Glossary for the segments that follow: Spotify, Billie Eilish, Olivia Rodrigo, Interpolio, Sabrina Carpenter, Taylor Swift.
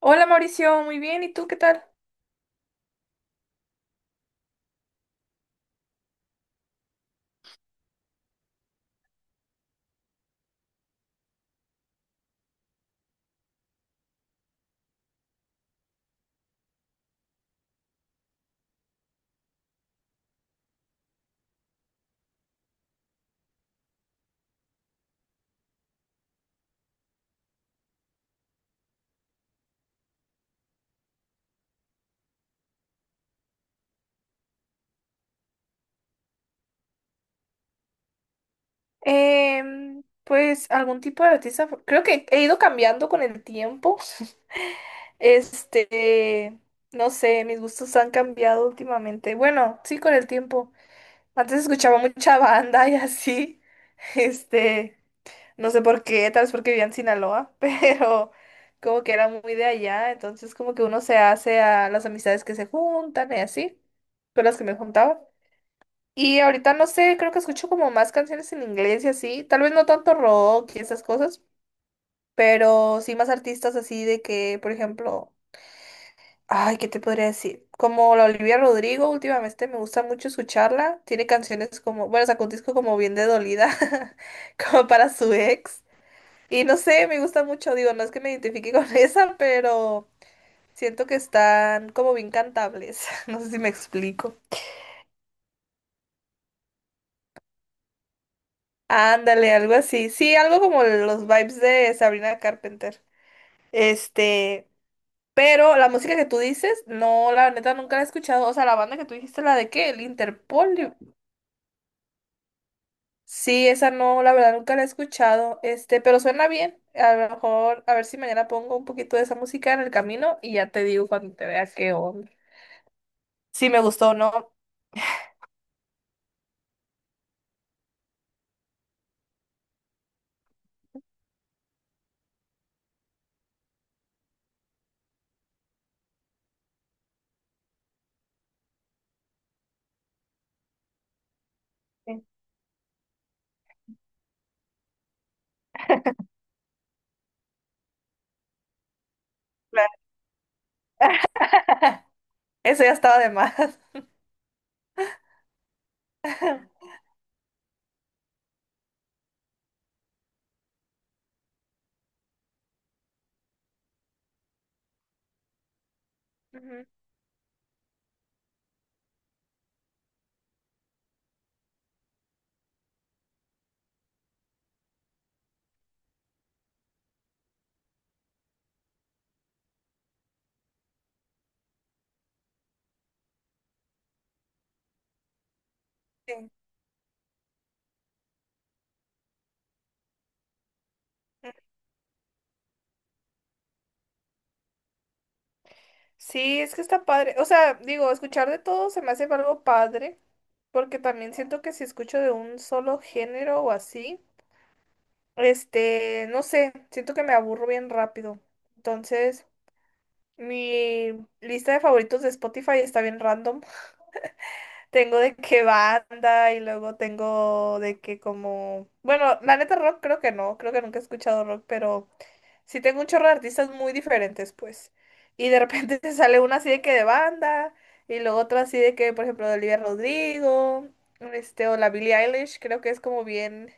Hola Mauricio, muy bien, ¿y tú qué tal? Pues algún tipo de artista, creo que he ido cambiando con el tiempo. Este, no sé, mis gustos han cambiado últimamente. Bueno, sí, con el tiempo. Antes escuchaba mucha banda y así. Este, no sé por qué, tal vez porque vivía en Sinaloa, pero como que era muy de allá, entonces como que uno se hace a las amistades que se juntan y así, con las que me juntaba. Y ahorita no sé, creo que escucho como más canciones en inglés y así. Tal vez no tanto rock y esas cosas, pero sí más artistas así de que, por ejemplo, ay, ¿qué te podría decir? Como la Olivia Rodrigo, últimamente me gusta mucho escucharla. Tiene canciones como, bueno, sacó un disco como bien de dolida, como para su ex. Y no sé, me gusta mucho, digo, no es que me identifique con esa, pero siento que están como bien cantables. No sé si me explico. Ándale, algo así. Sí, algo como los vibes de Sabrina Carpenter. Este, pero la música que tú dices, no, la neta nunca la he escuchado. O sea, la banda que tú dijiste, la de qué, el Interpolio. Sí, esa no, la verdad nunca la he escuchado. Pero suena bien. A lo mejor, a ver si mañana pongo un poquito de esa música en el camino y ya te digo cuando te vea qué onda. Si me gustó o no. Sí, claro. Eso ya estaba de más. Ujú. Sí. Sí, es que está padre. O sea, digo, escuchar de todo se me hace algo padre, porque también siento que si escucho de un solo género o así, no sé, siento que me aburro bien rápido. Entonces, mi lista de favoritos de Spotify está bien random. Tengo de qué banda y luego tengo de que como... Bueno, la neta rock creo que no, creo que nunca he escuchado rock, pero sí tengo un chorro de artistas muy diferentes, pues. Y de repente te sale una así de que de banda y luego otra así de que, por ejemplo, de Olivia Rodrigo, o la Billie Eilish, creo que es como bien...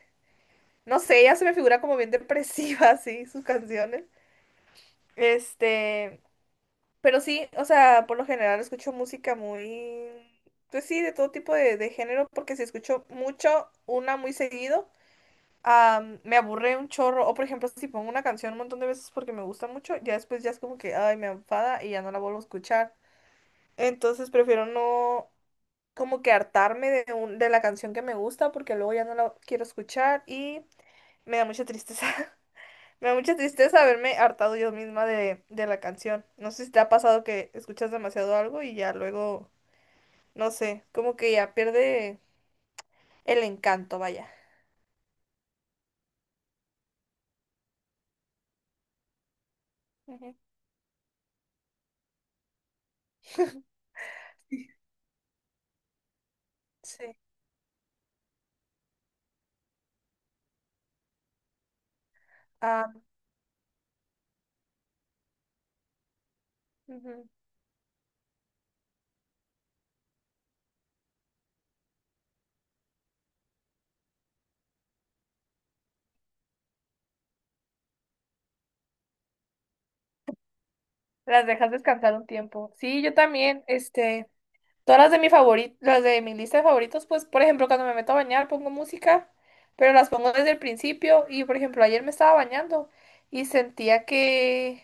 No sé, ella se me figura como bien depresiva, así, sus canciones. Este... Pero sí, o sea, por lo general escucho música muy, pues sí, de todo tipo de género, porque si escucho mucho, una muy seguido, me aburre un chorro. O por ejemplo, si pongo una canción un montón de veces porque me gusta mucho, ya después ya es como que, ay, me enfada y ya no la vuelvo a escuchar. Entonces prefiero no como que hartarme de, de la canción que me gusta porque luego ya no la quiero escuchar y me da mucha tristeza. Me da mucha tristeza haberme hartado yo misma de la canción. No sé si te ha pasado que escuchas demasiado algo y ya luego, no sé, como que ya pierde el encanto, vaya. Ujú. Sí. Ah, ujú. Las dejas descansar un tiempo. Sí, yo también, este. Todas las de las de mi lista de favoritos, pues, por ejemplo, cuando me meto a bañar pongo música, pero las pongo desde el principio. Y por ejemplo, ayer me estaba bañando y sentía que,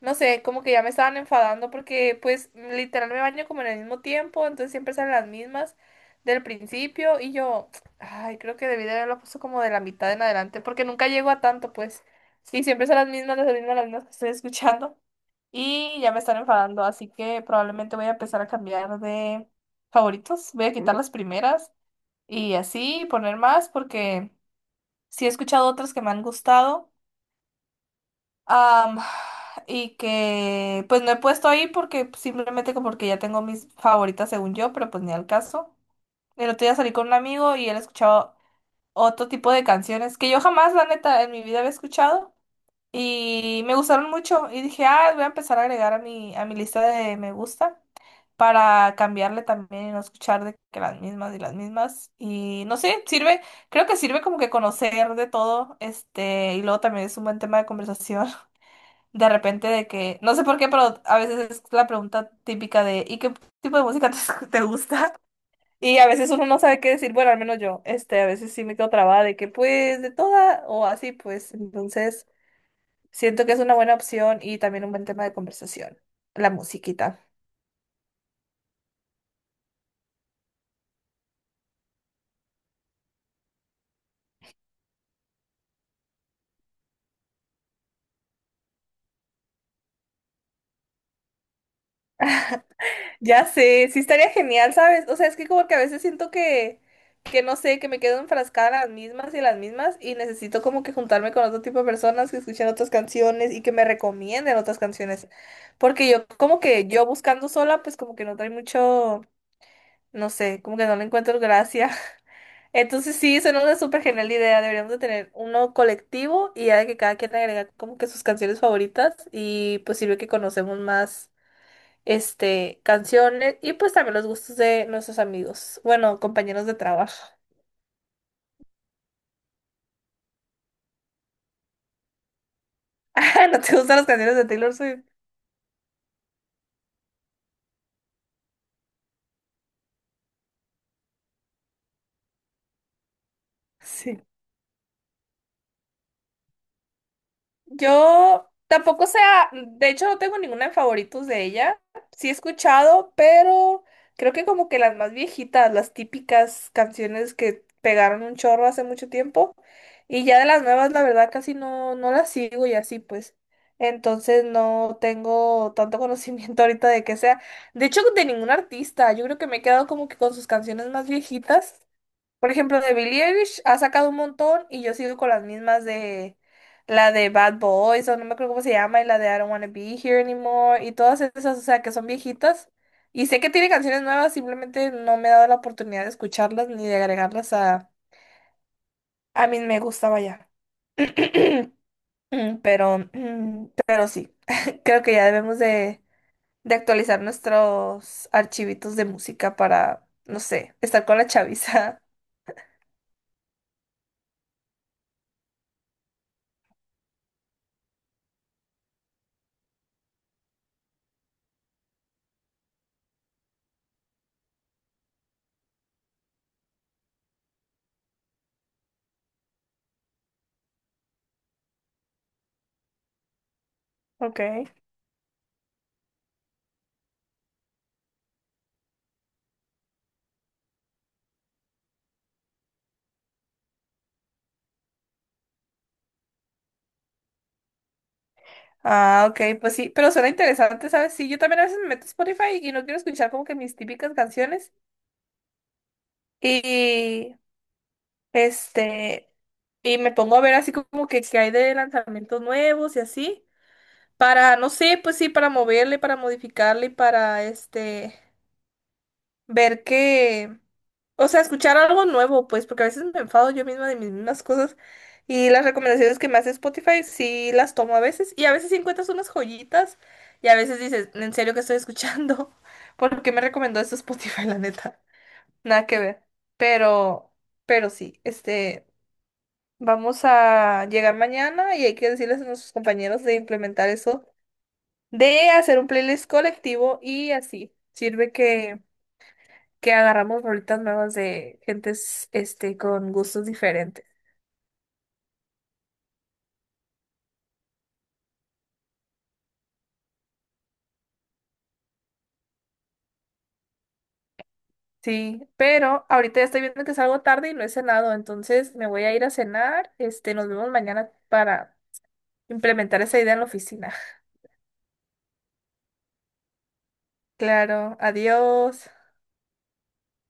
no sé, como que ya me estaban enfadando porque, pues, literal me baño como en el mismo tiempo, entonces siempre salen las mismas del principio. Y yo, ay, creo que debí de haberlo puesto como de la mitad en adelante, porque nunca llego a tanto, pues. Sí, siempre son las mismas, las mismas, las mismas que estoy escuchando. Y ya me están enfadando, así que probablemente voy a empezar a cambiar de favoritos. Voy a quitar las primeras y así poner más porque sí he escuchado otras que me han gustado. am, y que pues no he puesto ahí porque simplemente como porque ya tengo mis favoritas según yo, pero pues ni al caso. El otro día salí con un amigo y él escuchaba otro tipo de canciones que yo jamás, la neta, en mi vida había escuchado. Y me gustaron mucho y dije, ah, voy a empezar a agregar a mi lista de me gusta para cambiarle también y no escuchar de que las mismas. Y no sé, sirve, creo que sirve como que conocer de todo, este, y luego también es un buen tema de conversación. De repente de que, no sé por qué, pero a veces es la pregunta típica de, ¿y qué tipo de música te, te gusta? Y a veces uno no sabe qué decir, bueno, al menos yo, este, a veces sí me quedo trabada de que pues de toda o así, pues entonces... Siento que es una buena opción y también un buen tema de conversación. La musiquita. Ya sé, sí estaría genial, ¿sabes? O sea, es que como que a veces siento que no sé, que me quedo enfrascada en las mismas y en las mismas y necesito como que juntarme con otro tipo de personas que escuchen otras canciones y que me recomienden otras canciones. Porque yo como que yo buscando sola, pues como que no trae mucho, no sé, como que no le encuentro gracia. Entonces sí, suena una súper genial idea. Deberíamos de tener uno colectivo y ya de que cada quien agrega como que sus canciones favoritas y pues sirve que conocemos más este canciones y pues también los gustos de nuestros amigos, bueno, compañeros de trabajo. Ah, ¿no te gustan las canciones de Taylor Swift? Sí. Yo tampoco sea, de hecho no tengo ninguna en favoritos de ella. Sí he escuchado, pero creo que como que las más viejitas, las típicas canciones que pegaron un chorro hace mucho tiempo. Y ya de las nuevas, la verdad, casi no, no las sigo y así pues. Entonces no tengo tanto conocimiento ahorita de que sea. De hecho, de ningún artista. Yo creo que me he quedado como que con sus canciones más viejitas. Por ejemplo, de Billie Eilish ha sacado un montón y yo sigo con las mismas de la de Bad Boys o no me acuerdo cómo se llama y la de I Don't Wanna Be Here Anymore y todas esas, o sea, que son viejitas. Y sé que tiene canciones nuevas, simplemente no me he dado la oportunidad de escucharlas ni de agregarlas a mí me gustaba ya. Pero, pero sí, creo que ya debemos de actualizar nuestros archivitos de música para, no sé, estar con la chaviza. Ok. Ah, ok, pues sí, pero suena interesante, ¿sabes? Sí, yo también a veces me meto a Spotify y no quiero escuchar como que mis típicas canciones y este, y me pongo a ver así como que hay de lanzamientos nuevos y así, para, no sé, pues sí, para moverle, para modificarle, y para este... ver que, o sea, escuchar algo nuevo, pues, porque a veces me enfado yo misma de mis mismas cosas y las recomendaciones que me hace Spotify sí las tomo a veces y a veces sí encuentras unas joyitas y a veces dices, ¿en serio que estoy escuchando? ¿Por qué me recomendó esto Spotify, la neta? Nada que ver. Pero, pero sí, vamos a llegar mañana y hay que decirles a nuestros compañeros de implementar eso, de hacer un playlist colectivo y así. Sirve que agarramos rolitas nuevas de gentes este, con gustos diferentes. Sí, pero ahorita ya estoy viendo que salgo tarde y no he cenado, entonces me voy a ir a cenar. Este, nos vemos mañana para implementar esa idea en la oficina. Claro, adiós.